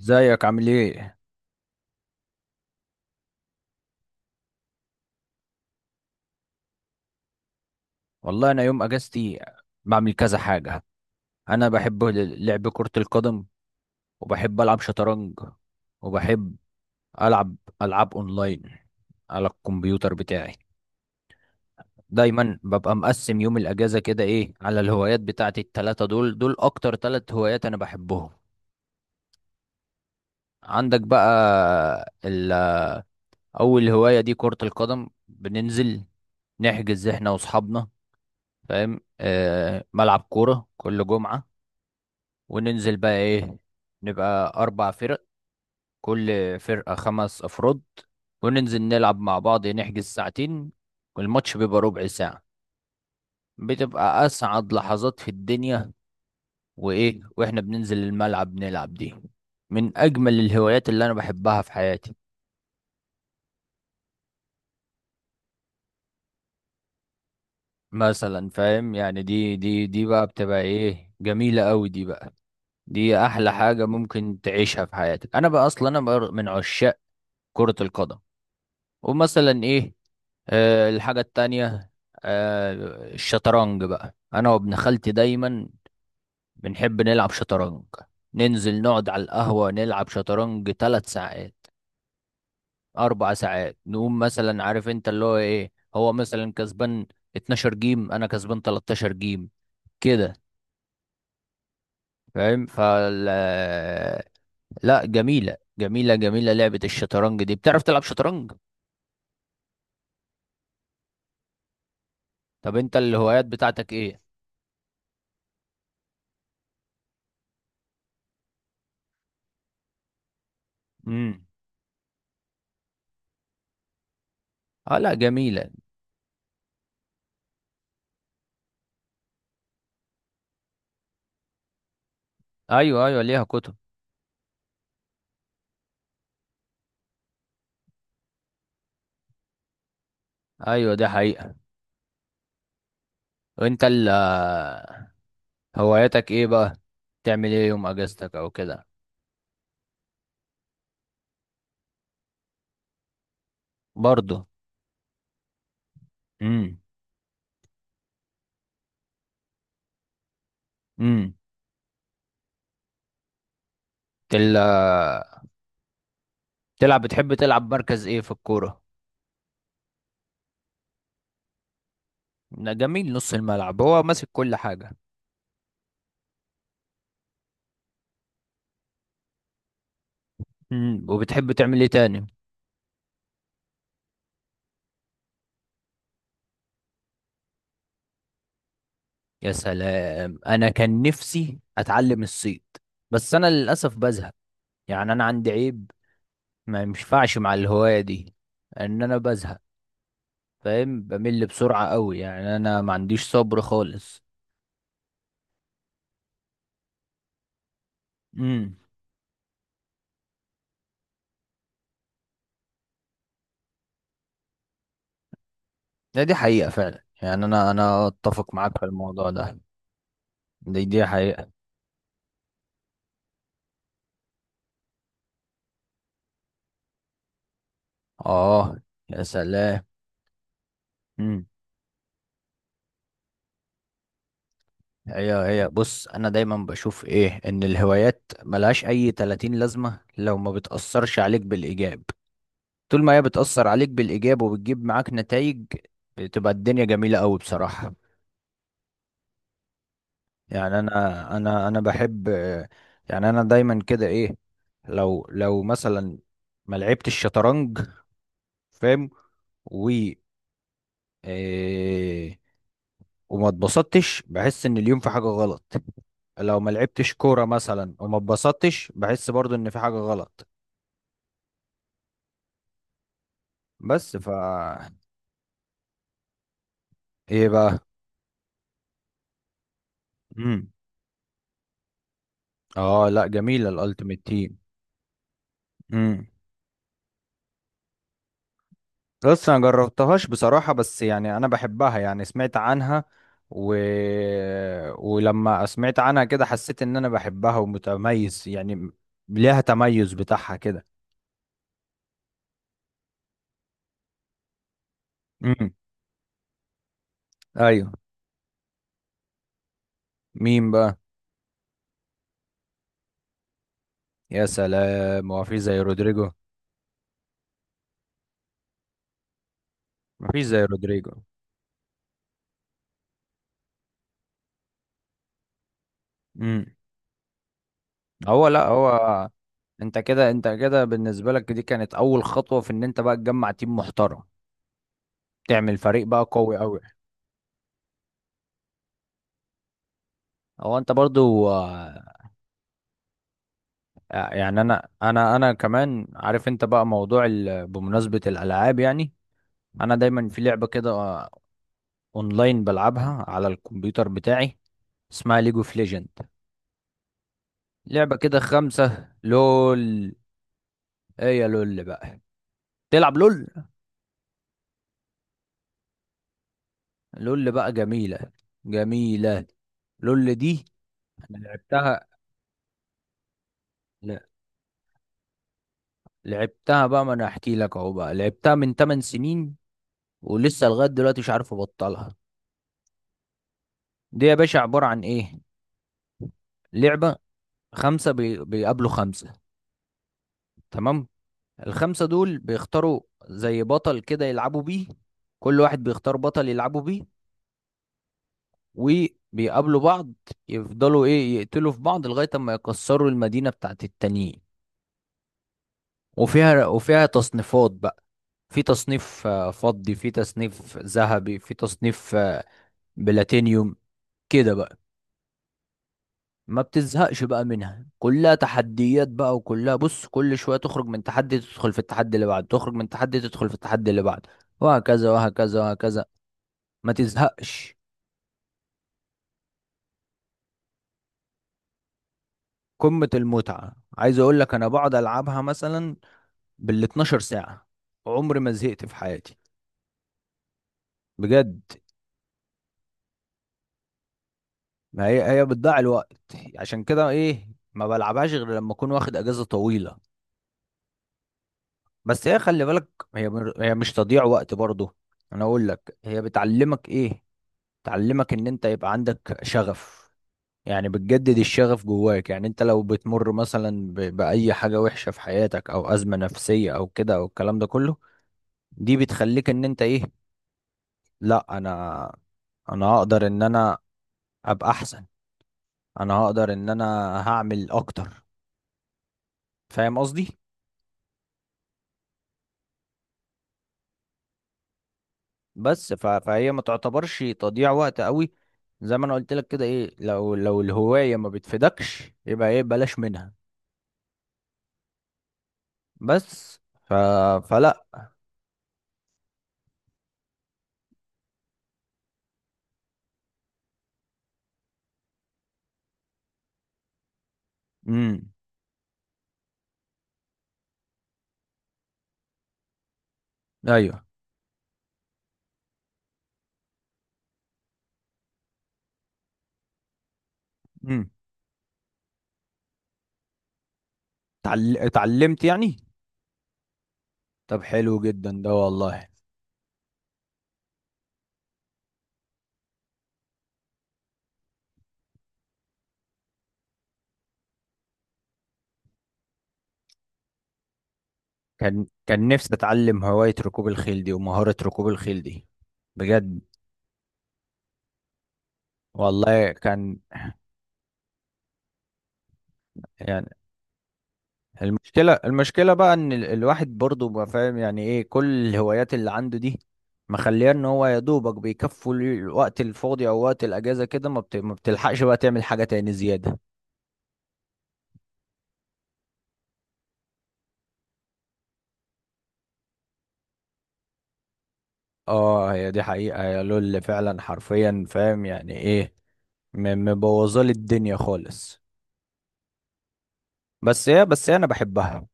ازيك؟ عامل ايه؟ والله انا يوم اجازتي بعمل كذا حاجه. انا بحب لعب كره القدم، وبحب العب شطرنج، وبحب العب العاب اونلاين على الكمبيوتر بتاعي. دايما ببقى مقسم يوم الاجازه كده ايه، على الهوايات بتاعتي التلاته. دول اكتر تلات هوايات انا بحبهم. عندك بقى اول هوايه دي كره القدم. بننزل نحجز احنا واصحابنا، فاهم؟ ملعب كوره كل جمعه، وننزل بقى ايه، نبقى اربع فرق، كل فرقة خمس افراد، وننزل نلعب مع بعض، نحجز ساعتين، والماتش بيبقى ربع ساعة. بتبقى اسعد لحظات في الدنيا. وايه، واحنا بننزل الملعب نلعب، دي من اجمل الهوايات اللي انا بحبها في حياتي. مثلا فاهم يعني، دي بقى بتبقى ايه، جميلة قوي دي بقى. دي احلى حاجة ممكن تعيشها في حياتك. انا بقى اصلا انا بقى من عشاق كرة القدم. ومثلا ايه، الحاجة التانية، آه الشطرنج بقى. انا وابن خالتي دايما بنحب نلعب شطرنج. ننزل نقعد على القهوة نلعب شطرنج ثلاث ساعات، اربع ساعات. نقوم مثلا، عارف انت، اللي هو ايه، هو مثلا كسبان 12 جيم، انا كسبان 13 جيم كده. فاهم؟ لا، جميلة جميلة جميلة لعبة الشطرنج دي. بتعرف تلعب شطرنج؟ طب انت الهوايات بتاعتك ايه؟ امم. اه، لا جميلة. ايوه ايوه، ليها كتب. ايوه، ده حقيقة. وانت هواياتك ايه بقى؟ تعمل ايه يوم اجازتك او كده؟ برضه. امم. امم. تل تلعب، بتحب تلعب مركز ايه في الكورة؟ ده جميل، نص الملعب هو ماسك كل حاجة. امم. وبتحب تعمل ايه تاني؟ يا سلام، انا كان نفسي اتعلم الصيد. بس انا للاسف بزهق، يعني انا عندي عيب، ما ينفعش مع الهواية دي. ان انا بزهق، فاهم، بمل بسرعة قوي. يعني انا ما عنديش صبر خالص. امم. ده دي حقيقة فعلا. يعني انا اتفق معاك في الموضوع ده. دي حقيقة. اه، يا سلام. امم. هي بص، انا دايما بشوف ايه، ان الهوايات ملهاش اي 30 لازمة لو ما بتأثرش عليك بالإيجاب. طول ما هي بتأثر عليك بالإيجاب وبتجيب معاك نتائج، بتبقى الدنيا جميلة قوي بصراحة. يعني انا بحب. يعني انا دايما كده ايه، لو مثلا ما لعبتش الشطرنج، فاهم، و إيه وما اتبسطتش، بحس ان اليوم في حاجة غلط. لو ما لعبتش كورة مثلا وما اتبسطتش، بحس برضو ان في حاجة غلط. بس فا ايه بقى؟ امم. اه لا جميلة الالتيميت تيم. بص انا جربتهاش بصراحة، بس يعني انا بحبها، يعني سمعت عنها و... ولما سمعت عنها كده، حسيت ان انا بحبها ومتميز يعني. ليها تميز بتاعها كده. امم. ايوه. مين بقى؟ يا سلام، هو في زي رودريجو؟ مفيش زي رودريجو. امم. هو، لا، هو انت كده بالنسبة لك، دي كانت اول خطوة في ان انت بقى تجمع تيم محترم، تعمل فريق بقى قوي قوي. هو انت برضو، آه، يعني انا كمان عارف انت بقى، موضوع بمناسبة الالعاب يعني. انا دايما في لعبة كده، آه، اونلاين، بلعبها على الكمبيوتر بتاعي، اسمها ليج اوف ليجند. لعبة كده، خمسة لول. ايه يا لول بقى، تلعب لول؟ لول بقى جميلة، جميلة لول دي. لعبتها. ل- لعبتها بقى. ما انا احكي لك اهو. بقى لعبتها من 8 سنين، ولسه لغاية دلوقتي مش عارف ابطلها. دي يا باشا عبارة عن ايه، لعبة خمسة بيقابلوا خمسة. تمام؟ الخمسة دول بيختاروا زي بطل كده يلعبوا بيه. كل واحد بيختار بطل يلعبوا بيه، وبيقابلوا بعض، يفضلوا ايه يقتلوا في بعض لغاية ما يكسروا المدينة بتاعت التانيين. وفيها تصنيفات بقى. في تصنيف آه، فضي، في تصنيف ذهبي، في تصنيف آه، بلاتينيوم كده بقى. ما بتزهقش بقى منها، كلها تحديات بقى. وكلها بص، كل شوية تخرج من تحدي تدخل في التحدي اللي بعده، تخرج من تحدي تدخل في التحدي اللي بعده، وهكذا وهكذا وهكذا. ما تزهقش. قمة المتعة. عايز اقول لك، انا بقعد العبها مثلا بال 12 ساعة. عمري ما زهقت في حياتي بجد. ما هي، هي بتضيع الوقت. عشان كده ايه، ما بلعبهاش غير لما اكون واخد اجازة طويلة. بس هي خلي بالك، هي هي مش تضييع وقت برضه. انا اقول لك هي بتعلمك ايه. تعلمك ان انت يبقى عندك شغف، يعني بتجدد الشغف جواك. يعني انت لو بتمر مثلا، بأي حاجة وحشة في حياتك، او أزمة نفسية، او كده، او الكلام ده كله، دي بتخليك ان انت ايه، لا انا، انا هقدر ان انا ابقى احسن، انا هقدر ان انا هعمل اكتر. فاهم قصدي؟ فهي ما تعتبرش تضييع وقت قوي. زي ما انا قلت لك كده ايه، لو الهواية ما بتفيدكش، يبقى ايه، بلاش منها. بس ف... فلا. مم. ايوه. امم. اتعلمت يعني. طب حلو جدا ده والله. كان نفسي اتعلم هواية ركوب الخيل دي ومهارة ركوب الخيل دي بجد والله، كان يعني. المشكلة بقى ان الواحد برضه بقى، فاهم يعني ايه، كل الهوايات اللي عنده دي، مخليه ان هو يا دوبك بيكفوا الوقت الفاضي او وقت الاجازة كده. ما بتلحقش بقى تعمل حاجة تاني زيادة. اه هي دي حقيقة يا لول فعلا حرفيا، فاهم يعني ايه، مبوظه لي الدنيا خالص. بس هي انا بحبها.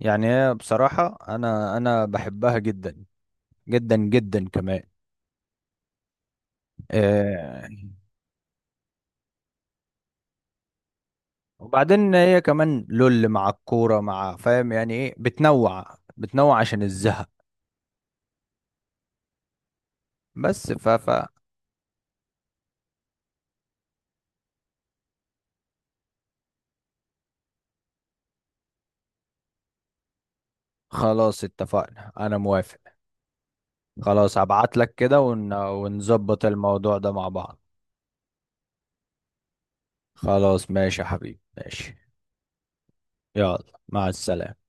يعني هي بصراحه انا بحبها جدا جدا جدا كمان. آه، وبعدين هي كمان لول مع الكوره مع، فاهم يعني ايه، بتنوع بتنوع عشان الزهق. بس ف ف خلاص اتفقنا، انا موافق. خلاص، هبعت لك كده ونظبط الموضوع ده مع بعض. خلاص ماشي يا حبيبي ماشي. يلا، مع السلامه.